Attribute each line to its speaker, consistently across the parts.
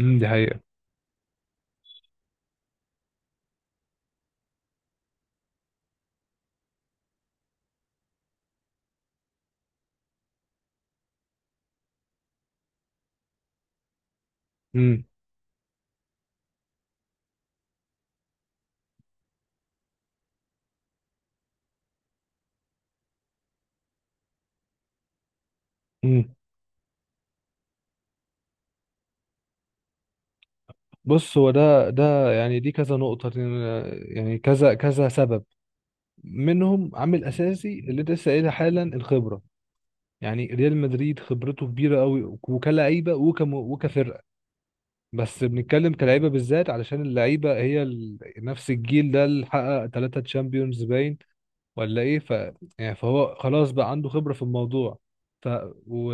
Speaker 1: دي حقيقة. امم. امم. بص، هو ده يعني دي كذا نقطة. يعني كذا كذا سبب، منهم عامل أساسي اللي أنت لسه قايلها حالا، الخبرة. يعني ريال مدريد خبرته كبيرة قوي، وكلعيبة وكم وكفرقة. بس بنتكلم كلعيبة بالذات، علشان اللعيبة هي نفس الجيل ده اللي حقق ثلاثة تشامبيونز، باين ولا إيه؟ يعني فهو خلاص بقى عنده خبرة في الموضوع. ف و...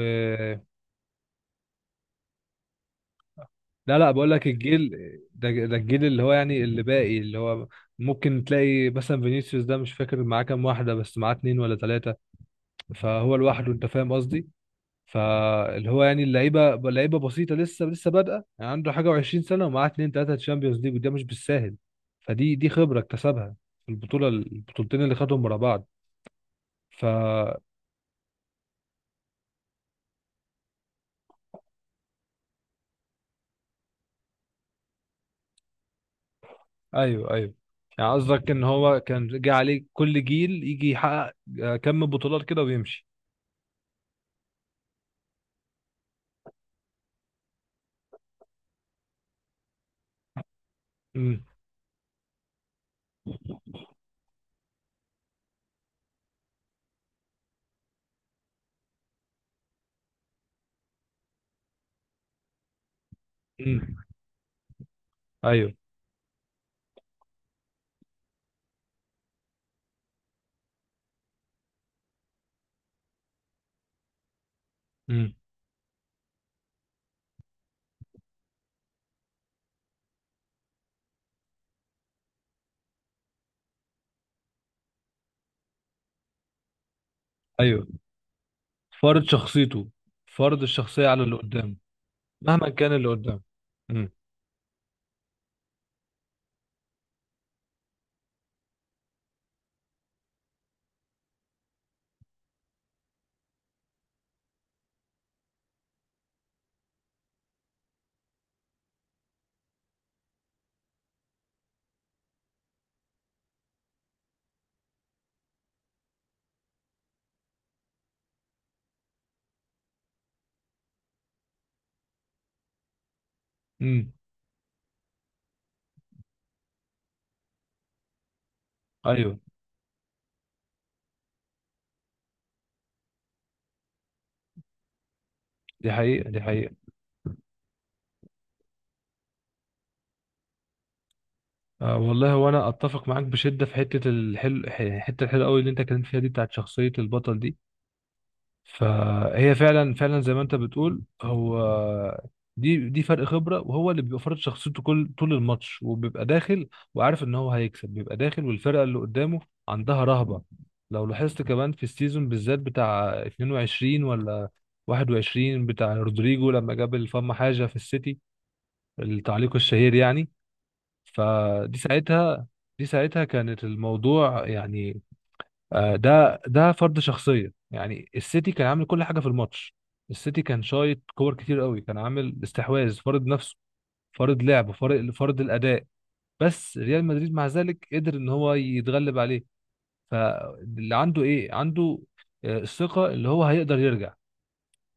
Speaker 1: لا لا، بقول لك الجيل ده الجيل اللي هو يعني اللي باقي، اللي هو ممكن تلاقي مثلا فينيسيوس ده، مش فاكر معاه كام واحدة، بس معاه اتنين ولا تلاتة، فهو لوحده. انت فاهم قصدي؟ فاللي هو يعني اللعيبة، لعيبة بسيطة لسه، لسه بادئة، يعني عنده حاجة وعشرين سنة ومعاه اتنين تلاتة تشامبيونز ليج، وده مش بالساهل. فدي خبرة اكتسبها في البطولة، البطولتين اللي خدهم ورا بعض. فا ايوه، ايوه، يعني قصدك ان هو كان جه عليه كل جيل يجي يحقق كم بطولات كده ويمشي؟ امم. امم. ايوه. امم. ايوه، فرض شخصيته. فرض الشخصية على اللي قدام، مهما كان اللي قدام. امم. امم. ايوه، دي حقيقة، دي حقيقة. آه والله، وانا اتفق معاك بشدة في حتة الحلو، الحتة الحلوة قوي اللي انت اتكلمت فيها دي، بتاعت شخصية البطل دي. فهي فعلا فعلا زي ما انت بتقول. هو دي فرق خبره، وهو اللي بيبقى فرض شخصيته كل طول الماتش، وبيبقى داخل وعارف ان هو هيكسب، بيبقى داخل والفرقه اللي قدامه عندها رهبه. لو لاحظت كمان، في السيزون بالذات بتاع 22 ولا 21، بتاع رودريجو لما جاب الفم حاجه في السيتي، التعليق الشهير يعني، فدي ساعتها. دي ساعتها كانت الموضوع يعني ده فرض شخصيه. يعني السيتي كان عامل كل حاجه في الماتش، السيتي كان شايط كور كتير قوي، كان عامل استحواذ، فرض نفسه، فرض لعب، فرض الاداء. بس ريال مدريد مع ذلك قدر ان هو يتغلب عليه. فاللي عنده، ايه عنده؟ الثقه اللي هو هيقدر يرجع.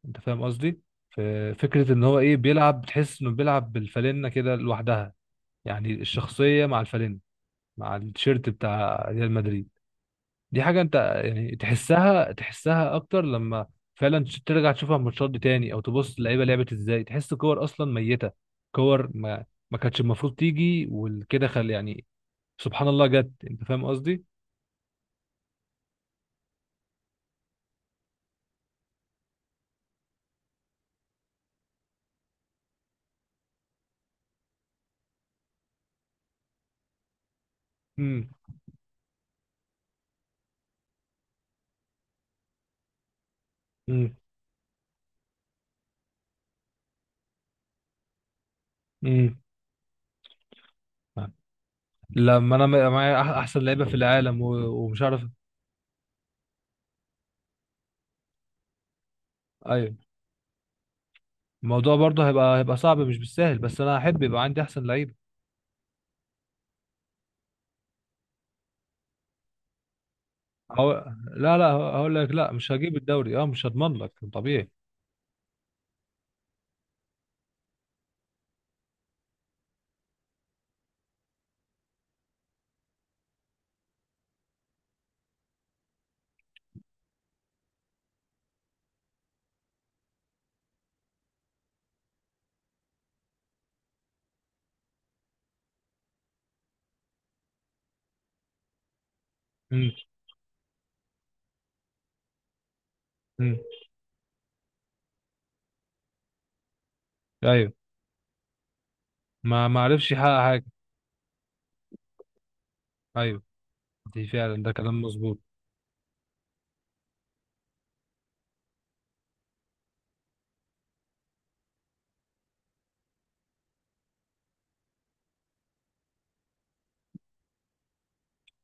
Speaker 1: انت فاهم قصدي؟ ف- فكره ان هو ايه، بيلعب، بتحس انه بيلعب بالفالنه كده لوحدها. يعني الشخصيه مع الفالنه، مع التيشيرت بتاع ريال مدريد، دي حاجة انت يعني تحسها، تحسها اكتر لما فعلا ترجع تشوفها الماتشات دي تاني، او تبص اللعيبة لعبت ازاي، تحس كور اصلا ميتة، كور ما كانتش المفروض تيجي وكده، خل يعني، سبحان الله جت. انت فاهم قصدي؟ امم. امم. امم. لما انا معايا احسن لعيبة في العالم ومش عارف. ايوه، الموضوع برضه هيبقى، هيبقى صعب، مش بالسهل، بس انا احب يبقى عندي احسن لعيبة. أو... لا لا، هقول لك، لا مش هجيب الدوري، اه مش هضمن لك طبيعي. امم. امم. ايوه. ما عرفش يحقق حاجة. أيوة، دي فعلا، ده كلام مظبوط.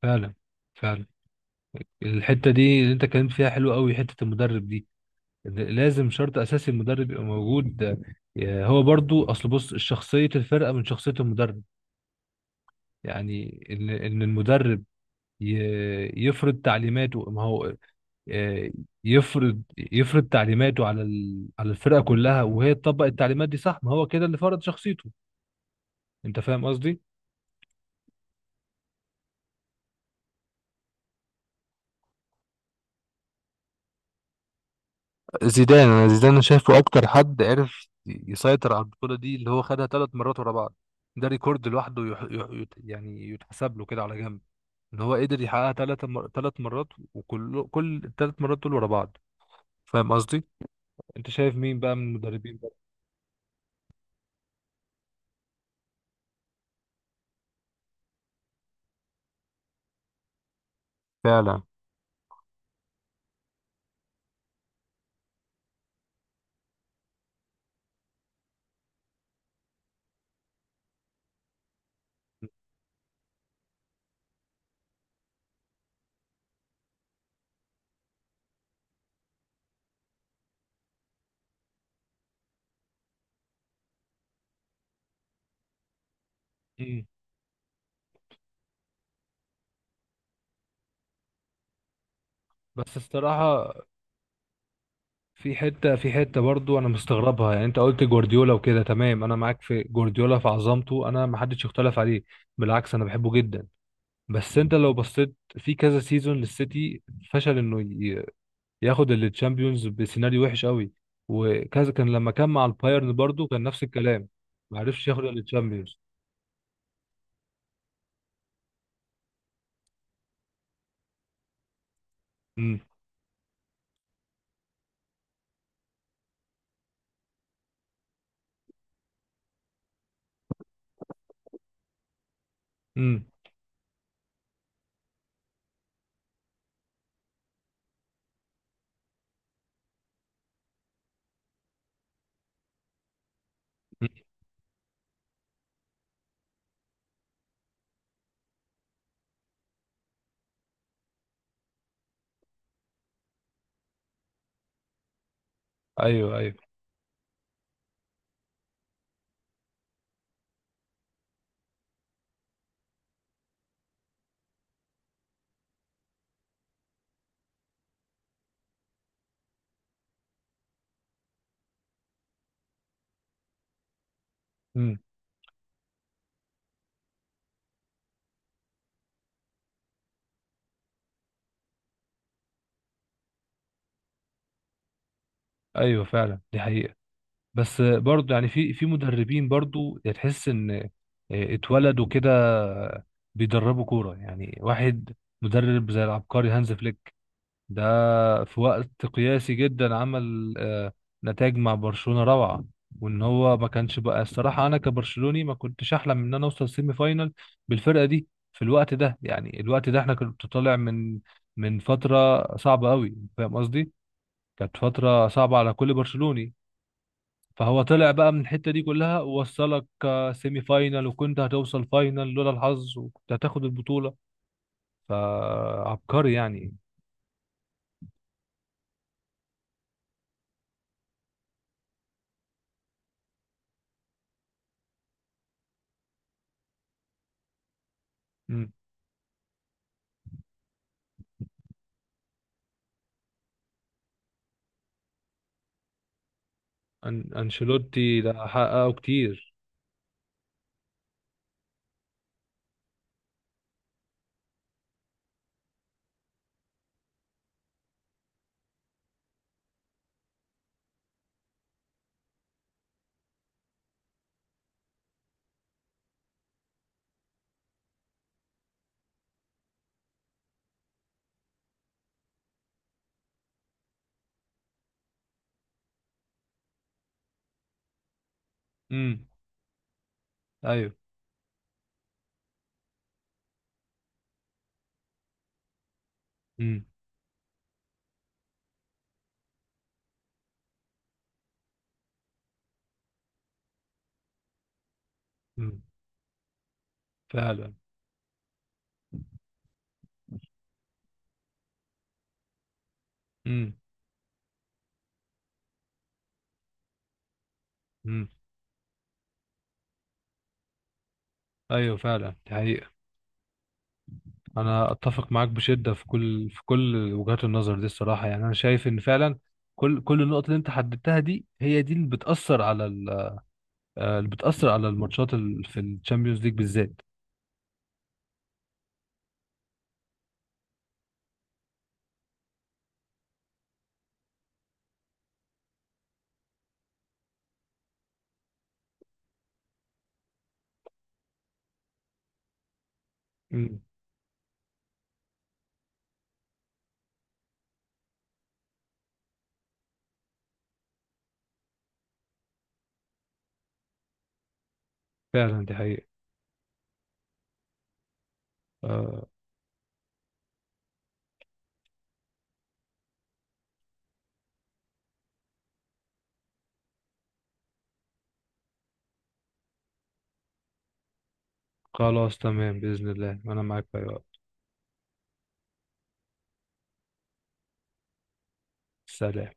Speaker 1: فعلا. فعلا. الحتة دي اللي أنت اتكلمت فيها حلوة أوي، حتة المدرب دي. لازم شرط أساسي المدرب يبقى موجود. آه، هو برضو أصل، بص، شخصية الفرقة من شخصية المدرب. يعني إن المدرب يفرض تعليماته، ما هو آه، يفرض يفرض تعليماته على على الفرقة كلها، وهي تطبق التعليمات دي، صح؟ ما هو كده اللي فرض شخصيته. أنت فاهم قصدي؟ زيدان، انا زيدان شايفه اكتر حد عرف يسيطر على البطوله دي، اللي هو خدها ثلاث مرات ورا بعض. ده ريكورد لوحده، يعني يتحسب له كده على جنب، ان هو قدر يحققها ثلاث مرات، وكل الثلاث مرات دول ورا بعض. فاهم قصدي؟ انت شايف مين بقى من المدربين بقى؟ فعلا. مم. بس الصراحه، في حته برضو انا مستغربها. يعني انت قلت جوارديولا وكده، تمام، انا معاك في جوارديولا، في عظمته، انا ما حدش يختلف عليه. بالعكس انا بحبه جدا. بس انت لو بصيت في كذا سيزون للسيتي، فشل انه ياخد التشامبيونز بسيناريو وحش قوي، وكذا كان لما كان مع البايرن برضو، كان نفس الكلام، ما عرفش ياخد التشامبيونز. امم. امم. ايوه، ايوه. امم. ايوه، فعلا دي حقيقة. بس برضو يعني في مدربين برضو تحس ان اتولدوا كده، بيدربوا كورة، يعني واحد مدرب زي العبقري هانز فليك ده، في وقت قياسي جدا عمل نتائج مع برشلونة روعة. وان هو ما كانش بقى، الصراحة انا كبرشلوني ما كنتش احلم ان انا اوصل سيمي فاينال بالفرقة دي، في الوقت ده. يعني الوقت ده احنا كنت طالع من فترة صعبة قوي، فاهم قصدي، كانت فترة صعبة على كل برشلوني. فهو طلع بقى من الحتة دي كلها، ووصلك سيمي فاينال، وكنت هتوصل فاينال لولا الحظ، وكنت هتاخد البطولة، فعبقري يعني. أنشيلوتي ده حققه كتير. امم. ايوه. امم. امم. فعلا. امم. امم. ايوه، فعلا دي حقيقة. انا اتفق معاك بشدة في كل وجهات النظر دي الصراحة، يعني انا شايف ان فعلا كل النقط اللي انت حددتها دي، هي دي اللي بتأثر على ال... آه، اللي بتأثر على الماتشات في الشامبيونز ليج بالذات. امم. فعلا دي حقيقة. آه. خلاص تمام، بإذن الله انا معاك في أي وقت. سلام.